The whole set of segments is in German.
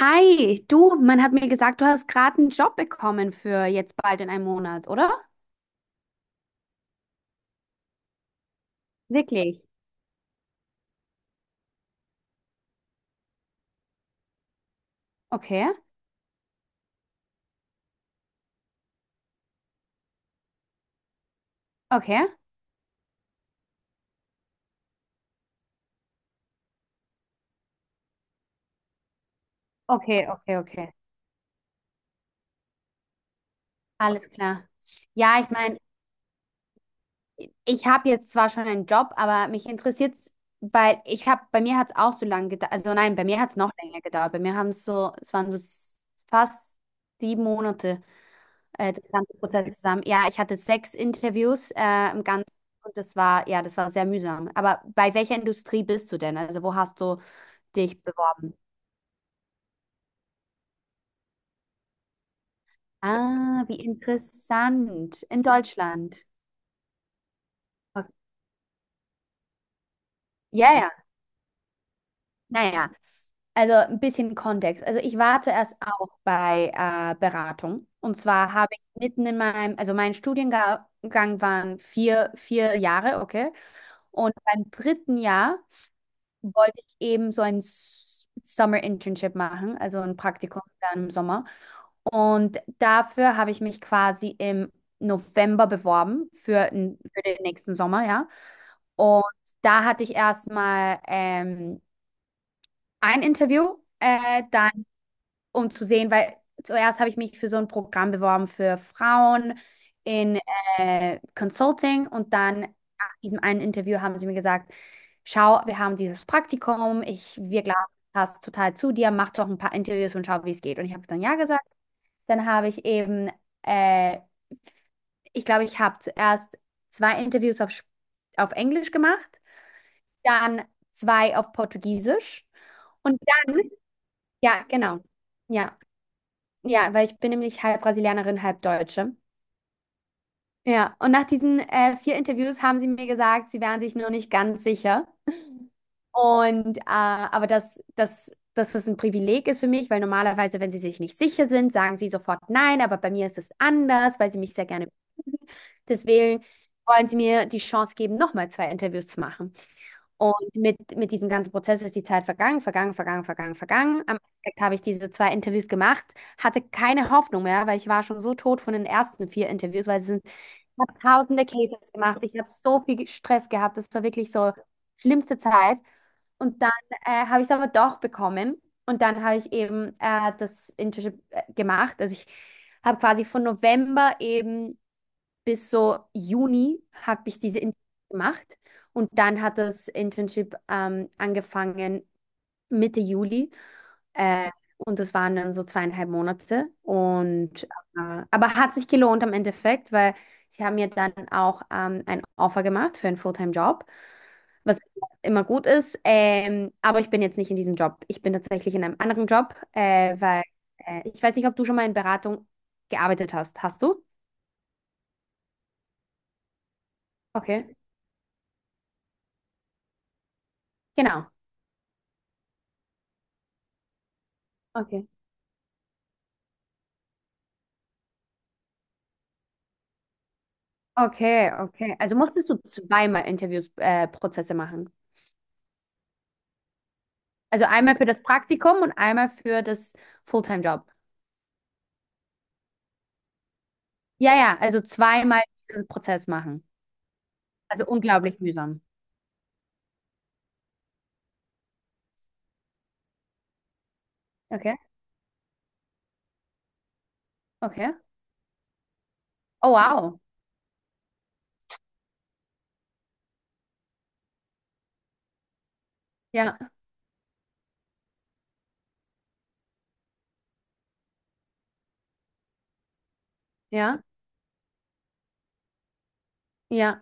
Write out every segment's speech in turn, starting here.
Hi, du, man hat mir gesagt, du hast gerade einen Job bekommen für jetzt bald in einem Monat, oder? Wirklich? Okay, okay, okay, okay, okay. Alles klar. Ja, ich meine, ich habe jetzt zwar schon einen Job, aber mich interessiert es, weil ich habe, bei mir hat es auch so lange gedauert, also nein, bei mir hat es noch länger gedauert. Bei mir haben es so, es waren so fast sieben Monate. Das ganze Prozess zusammen. Ja, ich hatte sechs Interviews im Ganzen und das war, ja, das war sehr mühsam. Aber bei welcher Industrie bist du denn? Also wo hast du dich beworben? Ah, wie interessant. In Deutschland. Okay. Ja, ja. Naja, also ein bisschen Kontext. Also ich war zuerst auch bei Beratung. Und zwar habe ich mitten in meinem, also mein Studiengang waren vier Jahre, okay. Und beim dritten Jahr wollte ich eben so ein Summer Internship machen, also ein Praktikum dann im Sommer. Und dafür habe ich mich quasi im November beworben für den nächsten Sommer, ja. Und da hatte ich erstmal ein Interview, dann um zu sehen, weil zuerst habe ich mich für so ein Programm beworben für Frauen in Consulting und dann nach diesem einen Interview haben sie mir gesagt, schau, wir haben dieses Praktikum, wir glauben, das passt total zu dir, mach doch ein paar Interviews und schau, wie es geht. Und ich habe dann ja gesagt. Dann habe ich eben, äh, ich glaube, ich habe zuerst zwei Interviews auf Englisch gemacht, dann zwei auf Portugiesisch und dann, ja, genau, ja. Ja, weil ich bin nämlich halb Brasilianerin, halb Deutsche. Ja, und nach diesen vier Interviews haben sie mir gesagt, sie wären sich noch nicht ganz sicher. Und aber dass das ein Privileg ist für mich, weil normalerweise, wenn sie sich nicht sicher sind, sagen sie sofort nein, aber bei mir ist es anders, weil sie mich sehr gerne mögen. Deswegen wollen sie mir die Chance geben, nochmal zwei Interviews zu machen. Und mit diesem ganzen Prozess ist die Zeit vergangen, vergangen, vergangen, vergangen, vergangen. Am Endeffekt habe ich diese zwei Interviews gemacht, hatte keine Hoffnung mehr, weil ich war schon so tot von den ersten vier Interviews, ich habe tausende Cases gemacht, ich habe so viel Stress gehabt, das war wirklich so schlimmste Zeit. Und dann habe ich es aber doch bekommen und dann habe ich eben das Internship gemacht. Also ich habe quasi von November eben bis so Juni habe ich diese Internship gemacht und dann hat das Internship angefangen Mitte Juli, äh, und das waren dann so zweieinhalb Monate und aber hat sich gelohnt am Endeffekt, weil sie haben mir dann auch ein Offer gemacht für einen Fulltime-Job, was immer gut ist. Aber ich bin jetzt nicht in diesem Job. Ich bin tatsächlich in einem anderen Job, weil ich weiß nicht, ob du schon mal in Beratung gearbeitet hast. Hast du? Okay. Genau. Okay. Okay, okay. Also musstest du zweimal Interviews, Prozesse machen. Also einmal für das Praktikum und einmal für das Fulltime-Job. Ja, ja, also zweimal diesen Prozess machen. Also unglaublich mühsam. Okay, okay. Oh, wow. Ja, ja, ja,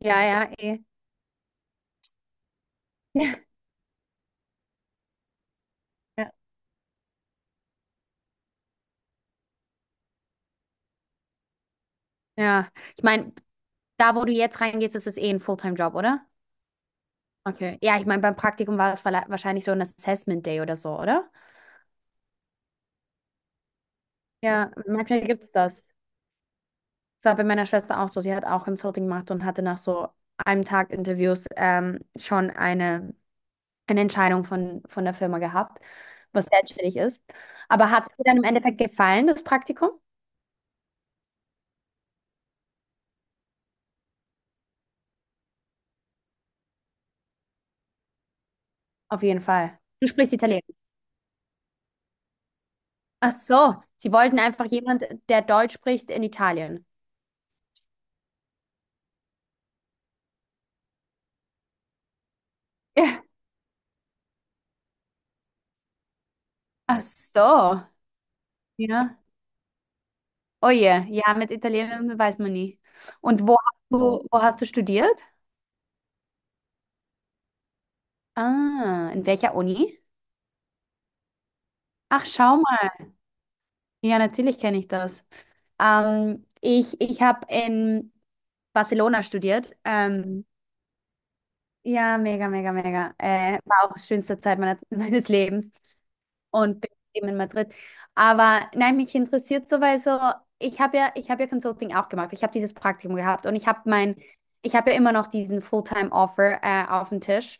ja, ja, eh. Ja, ja. Ja. Ich meine, da, wo du jetzt reingehst, ist es eh ein Fulltime-Job, oder? Okay. Ja, ich meine, beim Praktikum war es wahrscheinlich so ein Assessment Day oder so, oder? Ja, manchmal gibt es das. Das war bei meiner Schwester auch so. Sie hat auch Consulting gemacht und hatte nach so einem Tag Interviews schon eine Entscheidung von der Firma gehabt, was selbstständig ist. Aber hat es dir dann im Endeffekt gefallen, das Praktikum? Auf jeden Fall. Du sprichst Italienisch. Ach so, sie wollten einfach jemand, der Deutsch spricht in Italien. Ja. Ach so, ja. Oh je, ja, mit Italienisch weiß man nie. Und wo hast du studiert? Ah, in welcher Uni? Ach, schau. Ja, natürlich kenne ich das. Ich habe in Barcelona studiert. Ja, mega, mega, mega. War auch schönste Zeit meiner, meines Lebens und bin eben in Madrid. Aber nein, mich interessiert so, weil so, ich habe ja Consulting auch gemacht. Ich habe dieses Praktikum gehabt und ich habe ja immer noch diesen Fulltime-Offer auf dem Tisch.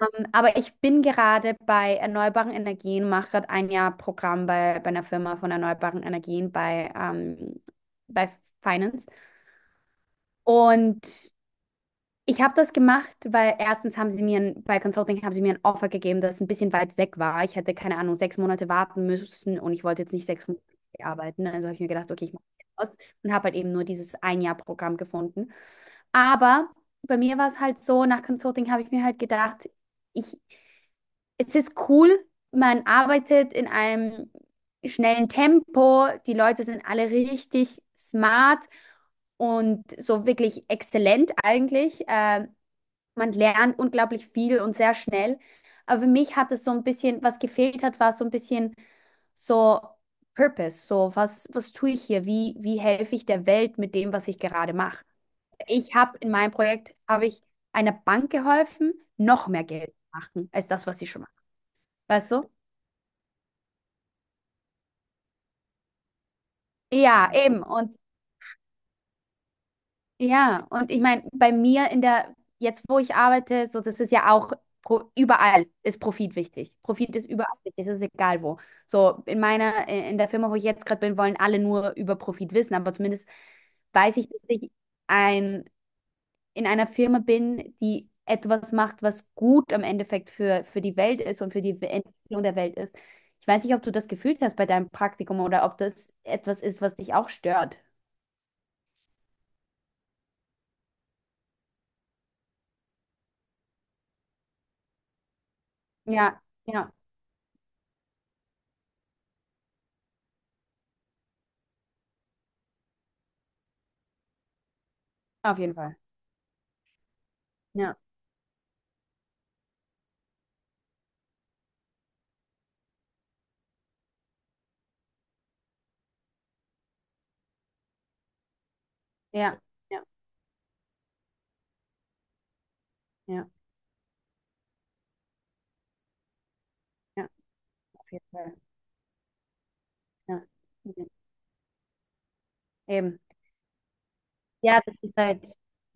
Aber ich bin gerade bei erneuerbaren Energien, mache gerade ein Jahr Programm bei einer Firma von erneuerbaren Energien bei Finance. Und ich habe das gemacht, weil erstens haben sie mir, ein, bei Consulting haben sie mir ein Offer gegeben, das ein bisschen weit weg war. Ich hätte, keine Ahnung, sechs Monate warten müssen und ich wollte jetzt nicht sechs Monate arbeiten. Also habe ich mir gedacht, okay, ich mache das aus und habe halt eben nur dieses Ein-Jahr-Programm gefunden. Aber bei mir war es halt so, nach Consulting habe ich mir halt gedacht, ich es ist cool, man arbeitet in einem schnellen Tempo, die Leute sind alle richtig smart und so wirklich exzellent eigentlich. Man lernt unglaublich viel und sehr schnell. Aber für mich hat es so ein bisschen, was gefehlt hat, war so ein bisschen so Purpose, so was, was tue ich hier? Wie helfe ich der Welt mit dem, was ich gerade mache? Ich habe in meinem Projekt, habe ich einer Bank geholfen, noch mehr Geld zu machen als das, was sie schon macht. Weißt du? Ja, eben. Und ja, und ich meine, bei mir in der, jetzt wo ich arbeite, so, das ist ja auch überall ist Profit wichtig. Profit ist überall wichtig, das ist egal wo. So, in der Firma, wo ich jetzt gerade bin, wollen alle nur über Profit wissen, aber zumindest weiß ich, dass ich ein, in einer Firma bin, die etwas macht, was gut im Endeffekt für die Welt ist und für die Entwicklung der Welt ist. Ich weiß nicht, ob du das gefühlt hast bei deinem Praktikum oder ob das etwas ist, was dich auch stört. Ja, ja. Auf jeden Fall. Ja, ja, ja, ja, ja, auf jeden Fall. Ja. Mhm. Eben. Ja, das ist halt,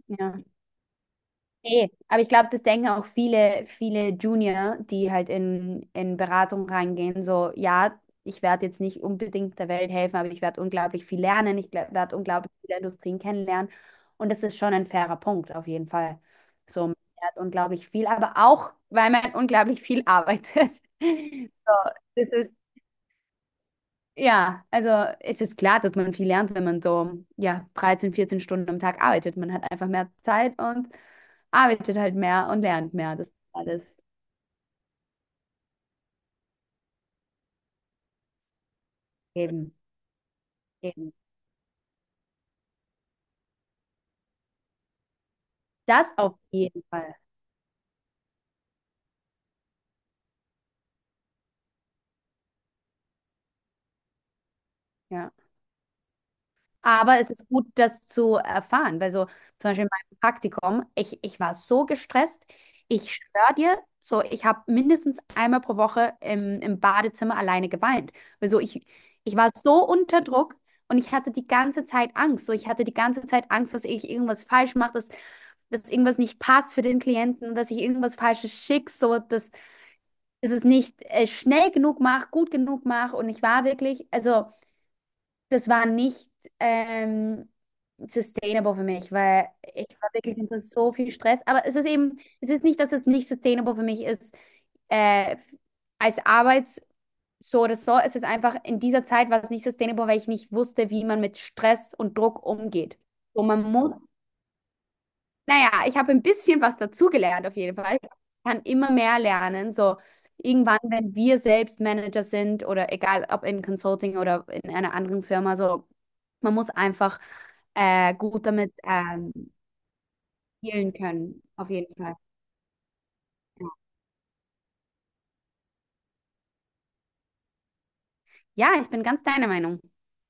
ja. Nee, aber ich glaube, das denken auch viele, viele Junior, die halt in Beratung reingehen, so, ja, ich werde jetzt nicht unbedingt der Welt helfen, aber ich werde unglaublich viel lernen, ich werde unglaublich viele Industrien kennenlernen. Und das ist schon ein fairer Punkt, auf jeden Fall. So, man lernt unglaublich viel, aber auch, weil man unglaublich viel arbeitet. So, das ist, ja, also es ist klar, dass man viel lernt, wenn man so, ja, 13, 14 Stunden am Tag arbeitet. Man hat einfach mehr Zeit und arbeitet halt mehr und lernt mehr. Das ist alles eben, eben. Das auf jeden Fall. Ja. Aber es ist gut, das zu erfahren, weil so zum Beispiel in meinem Praktikum, ich war so gestresst, ich schwör dir, so ich habe mindestens einmal pro Woche im Badezimmer alleine geweint. Weil so ich war so unter Druck und ich hatte die ganze Zeit Angst. So ich hatte die ganze Zeit Angst, dass ich irgendwas falsch mache, dass irgendwas nicht passt für den Klienten, dass ich irgendwas Falsches schicke, so dass es nicht schnell genug mache, gut genug mache. Und ich war wirklich, also das war nicht ähm, sustainable für mich, weil ich war wirklich unter so viel Stress. Aber es ist eben, es ist nicht, dass es nicht sustainable für mich ist, äh, als Arbeits so oder so. Es ist einfach, in dieser Zeit war es nicht sustainable, weil ich nicht wusste, wie man mit Stress und Druck umgeht. Und man muss Naja, ich habe ein bisschen was dazugelernt auf jeden Fall. Ich kann immer mehr lernen. So irgendwann, wenn wir selbst Manager sind oder egal ob in Consulting oder in einer anderen Firma, so man muss einfach gut damit dealen können, auf jeden Fall. Ja, ich bin ganz deiner Meinung.